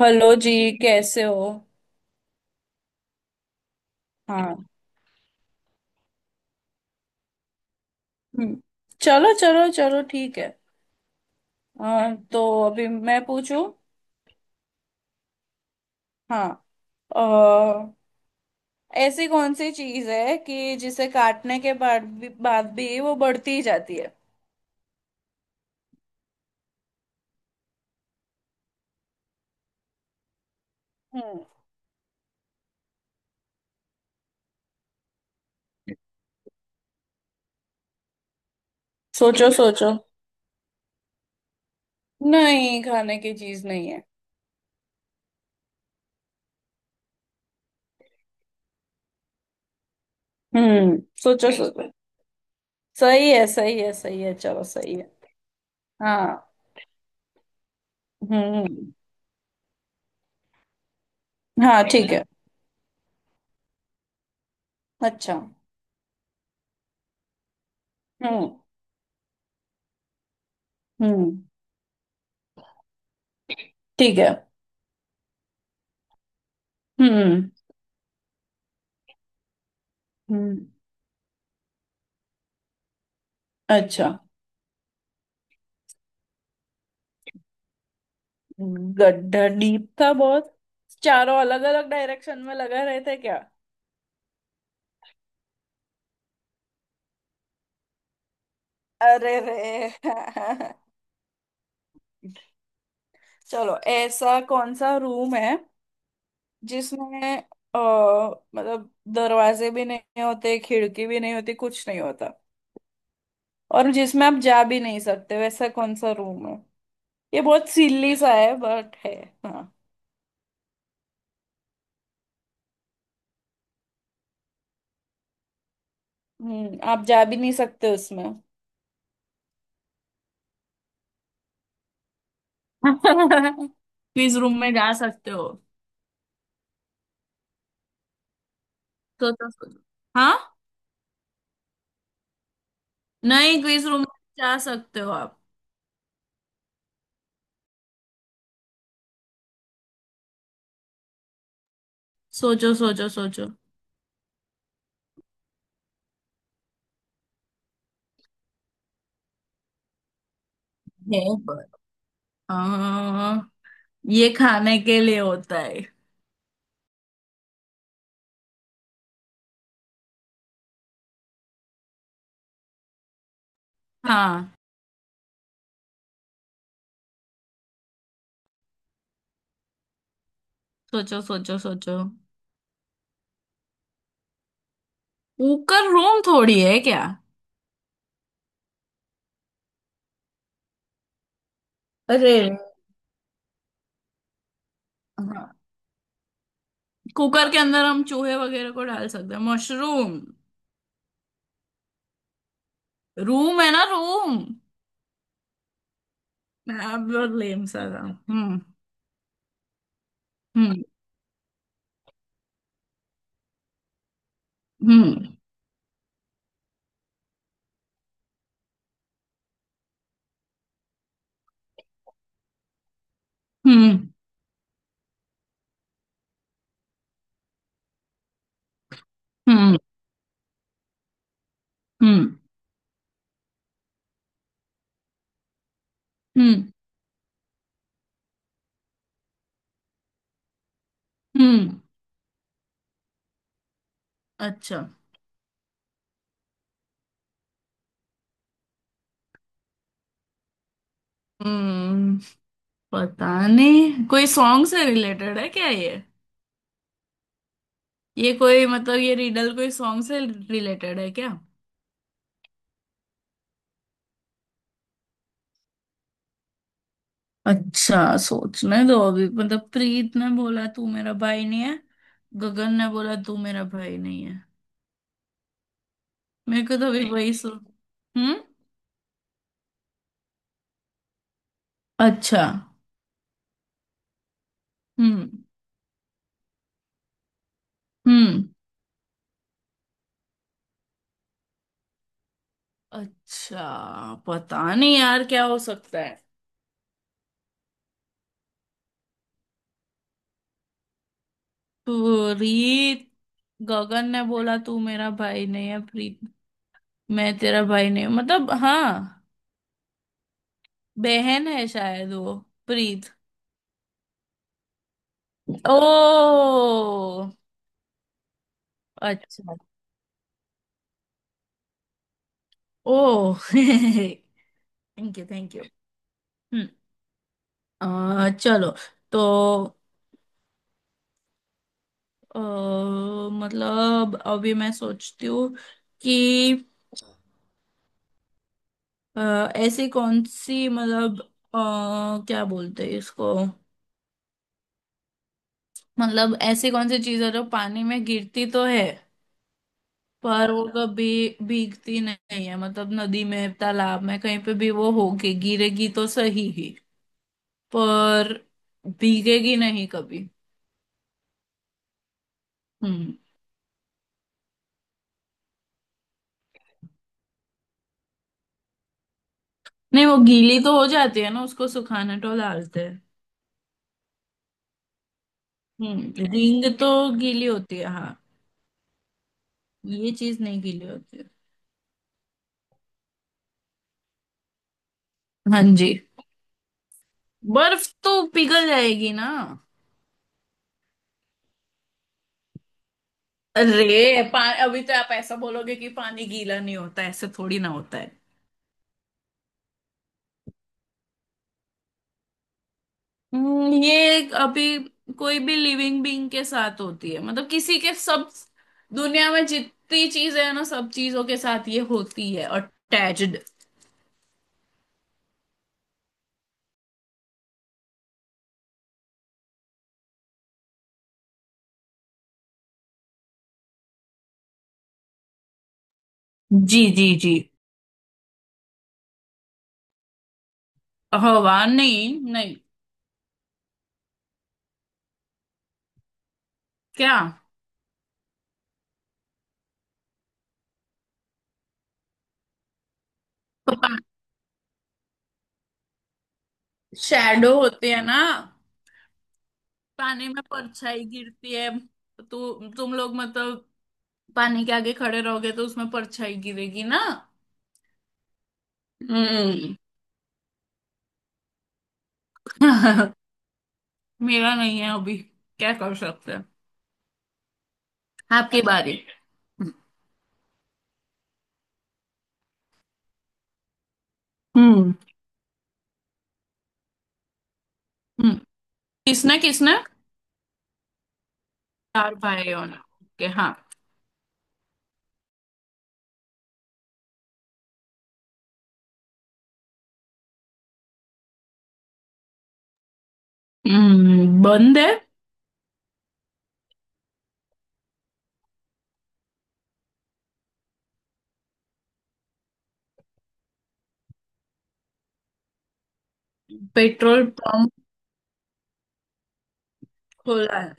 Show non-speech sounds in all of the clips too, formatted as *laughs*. Hello जी। कैसे हो? हाँ। हम्म, चलो चलो चलो, ठीक है। तो अभी मैं पूछूं। हाँ। अ, ऐसी कौन सी चीज है कि जिसे काटने के बाद भी वो बढ़ती ही जाती है? हम्म सोचो, सोचो। नहीं, खाने की चीज नहीं है। हम्म सोचो, सोचो। सही है, सही है, सही है, चलो, सही है। हाँ। हम्म, हाँ, ठीक है। अच्छा। हम्म। हम्म, ठीक है। हम्म। हम्म। अच्छा। गड्ढा डीप था बहुत। चारों अलग अलग डायरेक्शन में लगा रहे थे क्या? अरे रे *laughs* चलो, ऐसा कौन सा रूम है जिसमें मतलब दरवाजे भी नहीं होते, खिड़की भी नहीं होती, कुछ नहीं होता, और जिसमें आप जा भी नहीं सकते, वैसा कौन सा रूम है? ये बहुत सिल्ली सा है, बट है। हाँ। आप जा भी नहीं सकते उसमें। *laughs* क्विज रूम में जा सकते हो। तो सोचो। हाँ। नहीं, क्विज रूम में जा सकते हो आप। सोचो, सोचो, सोचो। है। पर आ, ये खाने के लिए होता है। हाँ। सोचो, सोचो, सोचो। कुकर रूम थोड़ी है क्या? अरे। हाँ। कुकर के अंदर हम चूहे वगैरह को डाल सकते हैं। मशरूम। रूम है ना, रूम। बहुत लेम सा था। हम्म। हम्म। हम्म। हम्म। हम्म। हम्म। हम्म। हम्म, अच्छा। हम्म। पता नहीं, कोई सॉन्ग से रिलेटेड है क्या ये? ये कोई, मतलब, ये रिडल कोई सॉन्ग से रिलेटेड है क्या? अच्छा, सोचने दो अभी। मतलब, प्रीत ने बोला, तू मेरा भाई नहीं है। गगन ने बोला, तू मेरा भाई नहीं है। मेरे को तो अभी वही सुन। हम्म। अच्छा। हम्म, हम्म। अच्छा, पता नहीं यार क्या हो सकता है। प्रीत। गगन ने बोला, तू मेरा भाई नहीं है, प्रीत। मैं तेरा भाई नहीं हूँ, मतलब, हाँ। बहन है शायद वो। प्रीत। ओ। अच्छा। ओ *laughs* थैंक यू, थैंक यू *laughs* हम्म। चलो। तो, अ, मतलब अभी मैं सोचती हूँ कि ऐसी कौन सी, मतलब, क्या बोलते हैं इसको, मतलब, ऐसी कौन सी चीज है जो पानी में गिरती तो है, पर वो कभी भीगती नहीं है। मतलब, नदी में, तालाब में, कहीं पे भी वो होगी, गिरेगी तो सही ही, पर भीगेगी नहीं कभी। हम्म। नहीं, वो गीली तो हो जाती है ना, उसको सुखाने तो डालते हैं। रिंग तो गीली होती है, हाँ। ये चीज नहीं गीली होती है। हाँ जी। बर्फ तो पिघल जाएगी ना। अरे, अभी तो आप ऐसा बोलोगे कि पानी गीला नहीं होता, ऐसे थोड़ी ना होता है। ये अभी कोई भी लिविंग बीइंग के साथ होती है, मतलब किसी के, सब दुनिया में जितनी चीजें है ना, सब चीजों के साथ ये होती है अटैच्ड। जी, जी, जी। हवा? नहीं, नहीं। क्या? तो शैडो होते हैं ना। पानी में परछाई गिरती है, तो तुम लोग मतलब पानी के आगे खड़े रहोगे तो उसमें परछाई गिरेगी ना। हम्म। *laughs* मेरा नहीं है अभी। क्या कर सकते हैं। आपकी बारी। हम्म। हम्म, किसने, किसने? चार भाइयों ने, ओके, हाँ। बंद है? पेट्रोल पंप खोला है।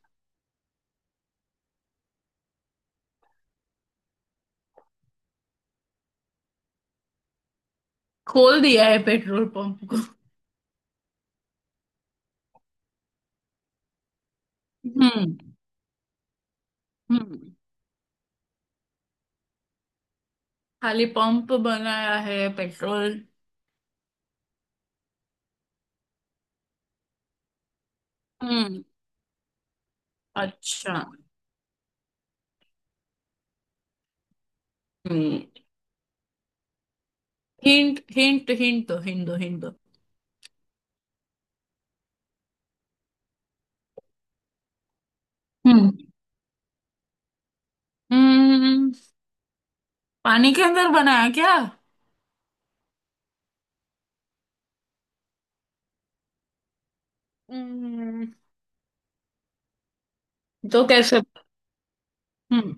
खोल दिया है पेट्रोल पंप को। हम्म। हम्म खाली पंप बनाया है पेट्रोल? हम्म। अच्छा। हम्म हिंट, हिंट, हिंट दो, हिंट दो, हिंट दो। हम्म। हम्म पानी के अंदर बनाया क्या? हम्म। तो कैसे? हम्म।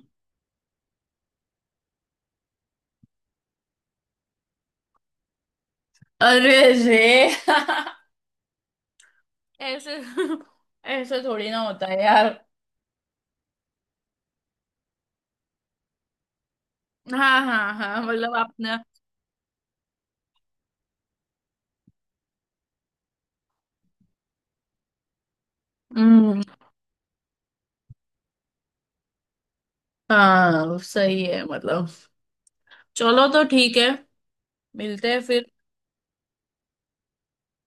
अरे। जे। *laughs* ऐसे, ऐसे थोड़ी ना होता है यार। हाँ, हाँ, हाँ, मतलब आपने। हम्म। हाँ, सही है मतलब। चलो तो, ठीक है। मिलते हैं फिर।